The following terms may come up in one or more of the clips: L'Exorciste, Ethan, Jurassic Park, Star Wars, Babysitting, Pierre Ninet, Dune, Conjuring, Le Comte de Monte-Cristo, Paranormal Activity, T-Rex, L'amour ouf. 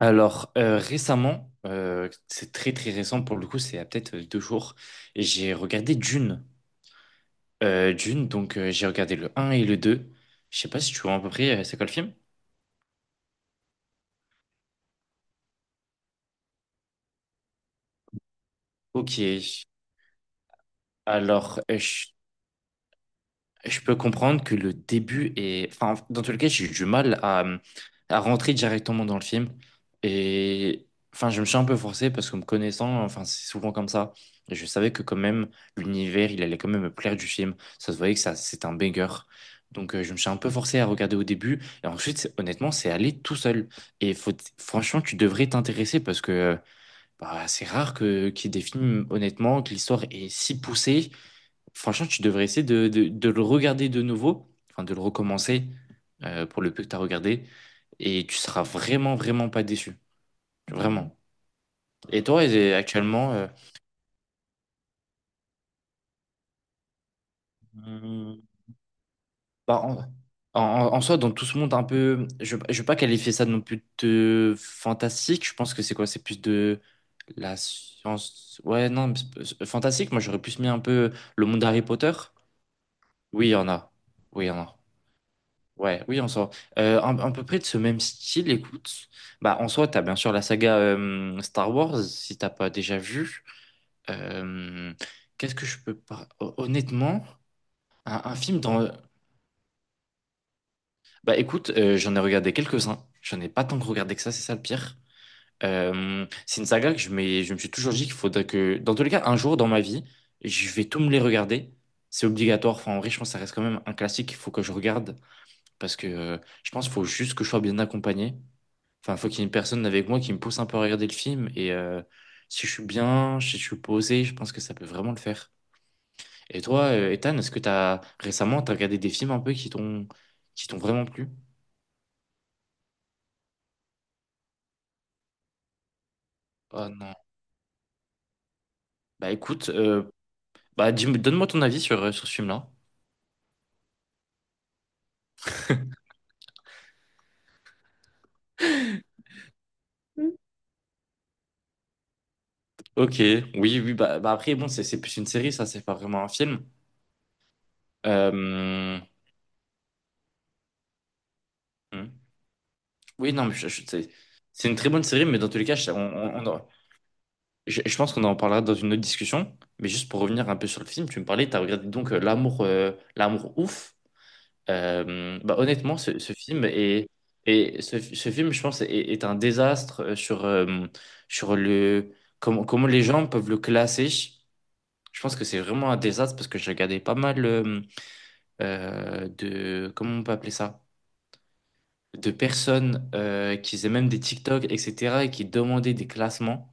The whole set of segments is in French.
Alors, récemment, c'est très très récent pour le coup, c'est à peut-être deux jours, et j'ai regardé Dune. Dune, donc j'ai regardé le un et le 2. Je sais pas si tu vois à peu près, c'est quoi le film? Ok. Alors, euh, je Je peux comprendre que le début est... Enfin, dans tous les cas, j'ai eu du mal à rentrer directement dans le film. Et enfin, je me suis un peu forcé parce que me connaissant, enfin, c'est souvent comme ça. Et je savais que quand même, l'univers, il allait quand même me plaire du film. Ça se voyait que ça, c'était un banger. Donc, je me suis un peu forcé à regarder au début. Et ensuite, honnêtement, c'est allé tout seul. Et faut, Franchement, tu devrais t'intéresser parce que bah, c'est rare qu'il y ait des films, honnêtement, que l'histoire est si poussée. Franchement, tu devrais essayer de le regarder de nouveau, enfin de le recommencer, pour le peu que tu as regardé, et tu seras vraiment, vraiment pas déçu. Vraiment. Actuellement, hmm, bah, en, en- en soi, dans tout ce monde un peu, je ne vais pas qualifier ça non plus de fantastique, je pense que c'est quoi? C'est plus de la science. Ouais, non, mais fantastique, moi j'aurais plus mis un peu le monde d'Harry Potter. Oui, il y en a. Oui, il y en a. Ouais, oui, en soi. À peu près de ce même style, écoute. Bah, en soi, t'as bien sûr la saga Star Wars, si t'as pas déjà vu. Euh, qu'est-ce que je peux pas... Hon- Honnêtement, un film dans... Bah, écoute, j'en ai regardé quelques-uns. J'en ai pas tant que regardé que ça, c'est ça le pire. C'est une saga que je me suis toujours dit qu'il faudrait que... Dans tous les cas, un jour dans ma vie, je vais tout me les regarder. C'est obligatoire. Enfin, en vrai, je pense que ça reste quand même un classique qu'il faut que je regarde. Parce que je pense qu'il faut juste que je sois bien accompagné. Enfin, faut qu'il y ait une personne avec moi qui me pousse un peu à regarder le film. Et si je suis bien, si je suis posé, je pense que ça peut vraiment le faire. Et toi, Ethan, est-ce que t'as regardé des films un peu qui t'ont vraiment plu? Oh non. Bah écoute, donne-moi ton avis sur, sur ce film-là. Ok, oui, oui, bah, bah après, bon, c'est plus une série, ça, c'est pas vraiment un film. Euh, hmm. Oui, non, mais c'est une très bonne série, mais dans tous les cas, je pense qu'on en parlera dans une autre discussion, mais juste pour revenir un peu sur le film, tu me parlais, tu as regardé donc L'amour l'amour ouf. Bah, honnêtement, ce film, je pense, est un désastre sur le comment les gens peuvent le classer. Je pense que c'est vraiment un désastre parce que j'ai regardé pas mal comment on peut appeler ça? De personnes qui faisaient même des TikTok, etc., et qui demandaient des classements.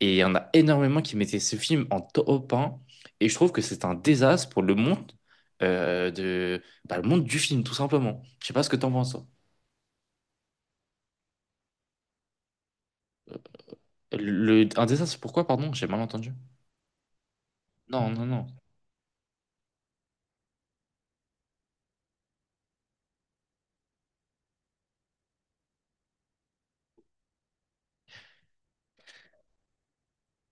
Et il y en a énormément qui mettaient ce film en top un. Et je trouve que c'est un désastre pour le monde, bah, le monde du film, tout simplement. Je sais pas ce que t'en penses, toi. Un désastre, pourquoi, pardon? J'ai mal entendu. Non, non, non.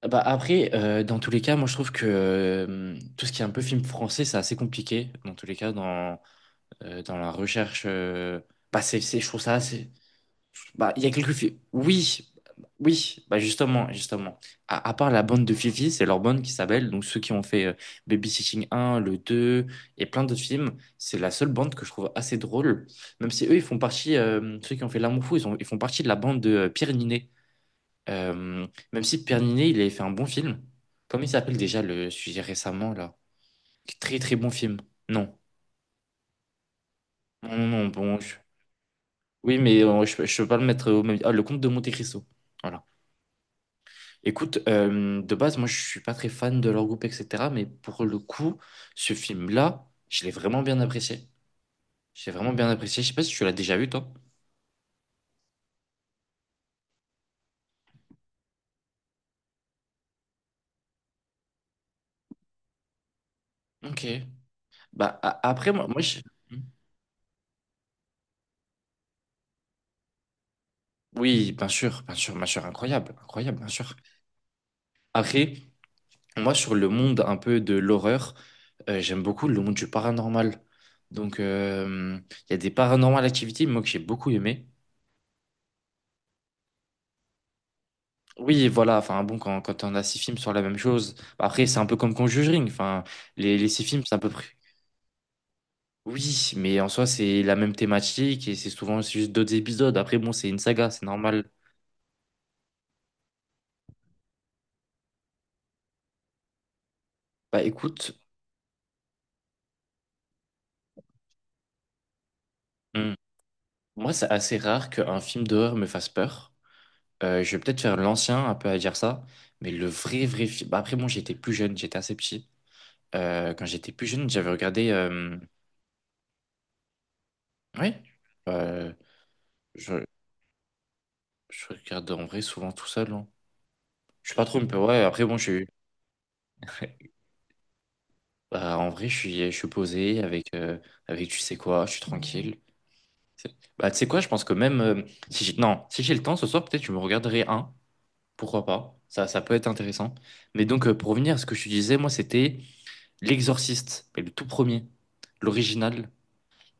Bah après, dans tous les cas, moi je trouve que tout ce qui est un peu film français, c'est assez compliqué. Dans tous les cas, dans la recherche, bah, je trouve ça assez. Bah, il y a quelques filles. Oui, oui, bah justement, justement. À part la bande de Fifi, c'est leur bande qui s'appelle, donc ceux qui ont fait Babysitting un le 2 et plein d'autres films, c'est la seule bande que je trouve assez drôle. Même si eux, ils font partie, ceux qui ont fait L'amour fou, ils font partie de la bande de Pierre Ninet. Même si Pierre Ninet, il avait fait un bon film. Comment il s'appelle déjà le sujet récemment, là? Très très bon film. Non, non, non, bon. Je- Oui, mais je peux pas le mettre au même. Ah, Le Comte de Monte-Cristo. Voilà. Écoute, de base, moi, je suis pas très fan de leur groupe, etc. Mais pour le coup, ce film-là, je l'ai vraiment bien apprécié. Je l'ai vraiment bien apprécié. Je sais pas si tu l'as déjà vu, toi. Ok. Après, moi je... Oui, bien sûr, bien sûr, bien sûr. Incroyable, incroyable, bien sûr. Après, moi, sur le monde un peu de l'horreur, j'aime beaucoup le monde du paranormal. Donc, il y a des paranormal activités, moi, que j'ai beaucoup aimé. Oui, voilà, enfin bon, quand on a 6 films sur la même chose, bah, après c'est un peu comme Conjuring, enfin les 6 films c'est à peu près... Oui, mais en soi c'est la même thématique et c'est souvent juste d'autres épisodes, après bon c'est une saga, c'est normal. Bah écoute, hum, moi c'est assez rare qu'un film d'horreur me fasse peur. Je vais peut-être faire l'ancien un peu à dire ça, mais le vrai vrai film... Bah, après bon j'étais plus jeune, j'étais assez petit. Quand j'étais plus jeune j'avais regardé... Oui, euh, je, je regarde en vrai souvent tout seul, hein. Je suis pas trop, mais ouais, après, bon, je suis. Bah, en vrai, je suis posé avec, tu sais quoi, je suis tranquille. Bah, tu sais quoi, je pense que même si j'ai le temps ce soir, peut-être je me regarderai un, pourquoi pas, ça peut être intéressant. Mais donc, pour revenir à ce que je te disais, moi, c'était L'Exorciste, mais le tout premier, l'original.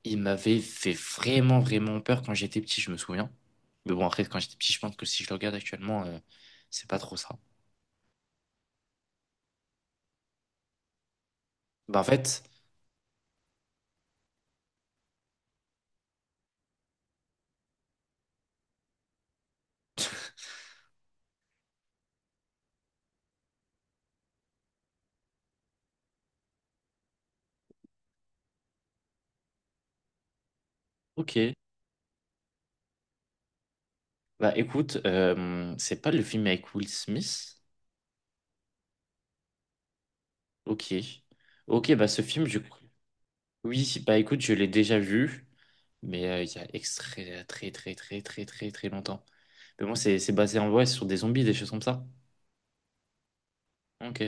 Il m'avait fait vraiment, vraiment peur quand j'étais petit, je me souviens. Mais bon, après, quand j'étais petit, je pense que si je le regarde actuellement, c'est pas trop ça. Bah, en fait, ok. Bah écoute, c'est pas le film avec Will Smith? Ok. Ok, bah ce film, je... Oui, bah écoute, je l'ai déjà vu, mais il y a extrait très très très très très très longtemps. Mais bon, c'est basé en vrai sur des zombies, des choses comme ça. Ok,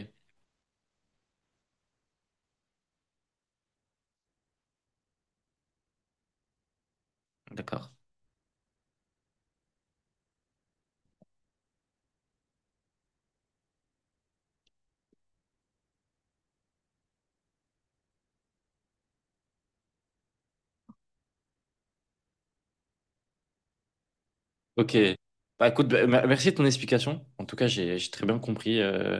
d'accord. Ok. Bah écoute, bah, merci de ton explication. En tout cas, j'ai très bien compris.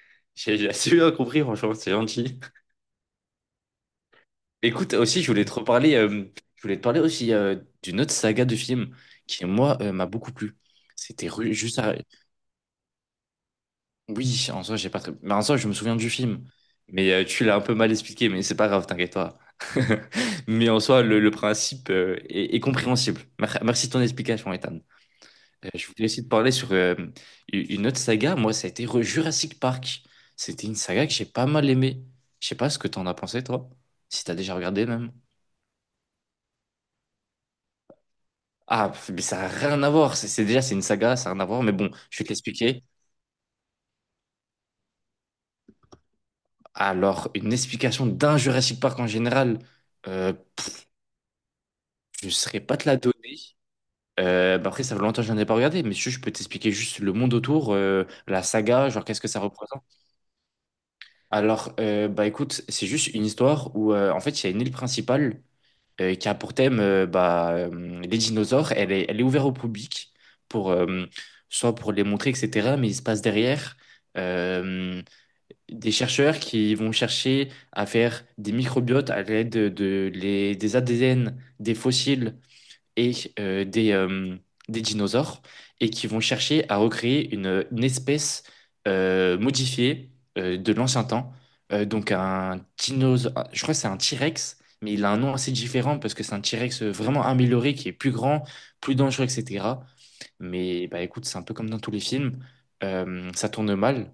J'ai assez bien compris, franchement, c'est gentil. Écoute, aussi, je voulais te reparler, je voulais te parler aussi d'une autre saga de film qui, moi, m'a beaucoup plu. C'était Ru- juste à... Oui, en soi, j'ai pas très... Mais en soi, je me souviens du film. Mais tu l'as un peu mal expliqué, mais c'est pas grave, t'inquiète pas. Mais en soi, le principe est compréhensible. Merci de ton explication, Ethan. Je voulais aussi te parler sur une autre saga. Moi, ça a été Jurassic Park. C'était une saga que j'ai pas mal aimée. Je sais pas ce que t'en as pensé, toi. Si t'as déjà regardé, même. Ah, mais ça n'a rien à voir. Déjà, c'est une saga, ça n'a rien à voir. Mais bon, je vais te l'expliquer. Alors, une explication d'un Jurassic Park en général, euh, je ne saurais pas te la donner. Bah après, ça fait longtemps que je n'en ai pas regardé, mais je peux t'expliquer juste le monde autour, la saga, genre qu'est-ce que ça représente. Alors, bah écoute, c'est juste une histoire où, en fait, il y a une île principale qui a pour thème les dinosaures. Elle est ouverte au public, pour, soit pour les montrer, etc. Mais il se passe derrière euh, des chercheurs qui vont chercher à faire des microbiotes à l'aide des ADN, des fossiles et euh, des, euh, des dinosaures, et qui vont chercher à recréer une espèce modifiée de l'ancien temps. Donc un dinosaure, je crois que c'est un T-Rex, mais il a un nom assez différent parce que c'est un T-Rex vraiment amélioré, qui est plus grand, plus dangereux, etc. Mais bah écoute, c'est un peu comme dans tous les films, ça tourne mal,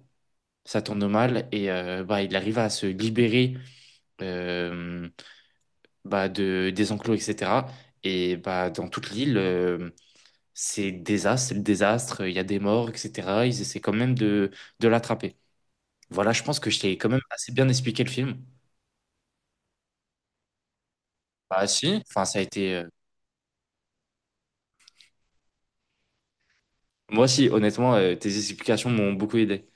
ça tourne mal et bah, il arrive à se libérer euh, des enclos, etc. Et bah, dans toute l'île, c'est le désastre, il y a des morts, etc. Ils essaient quand même de l'attraper. Voilà, je pense que je t'ai quand même assez bien expliqué le film. Bah si, enfin ça a été... Moi si, honnêtement, tes explications m'ont beaucoup aidé.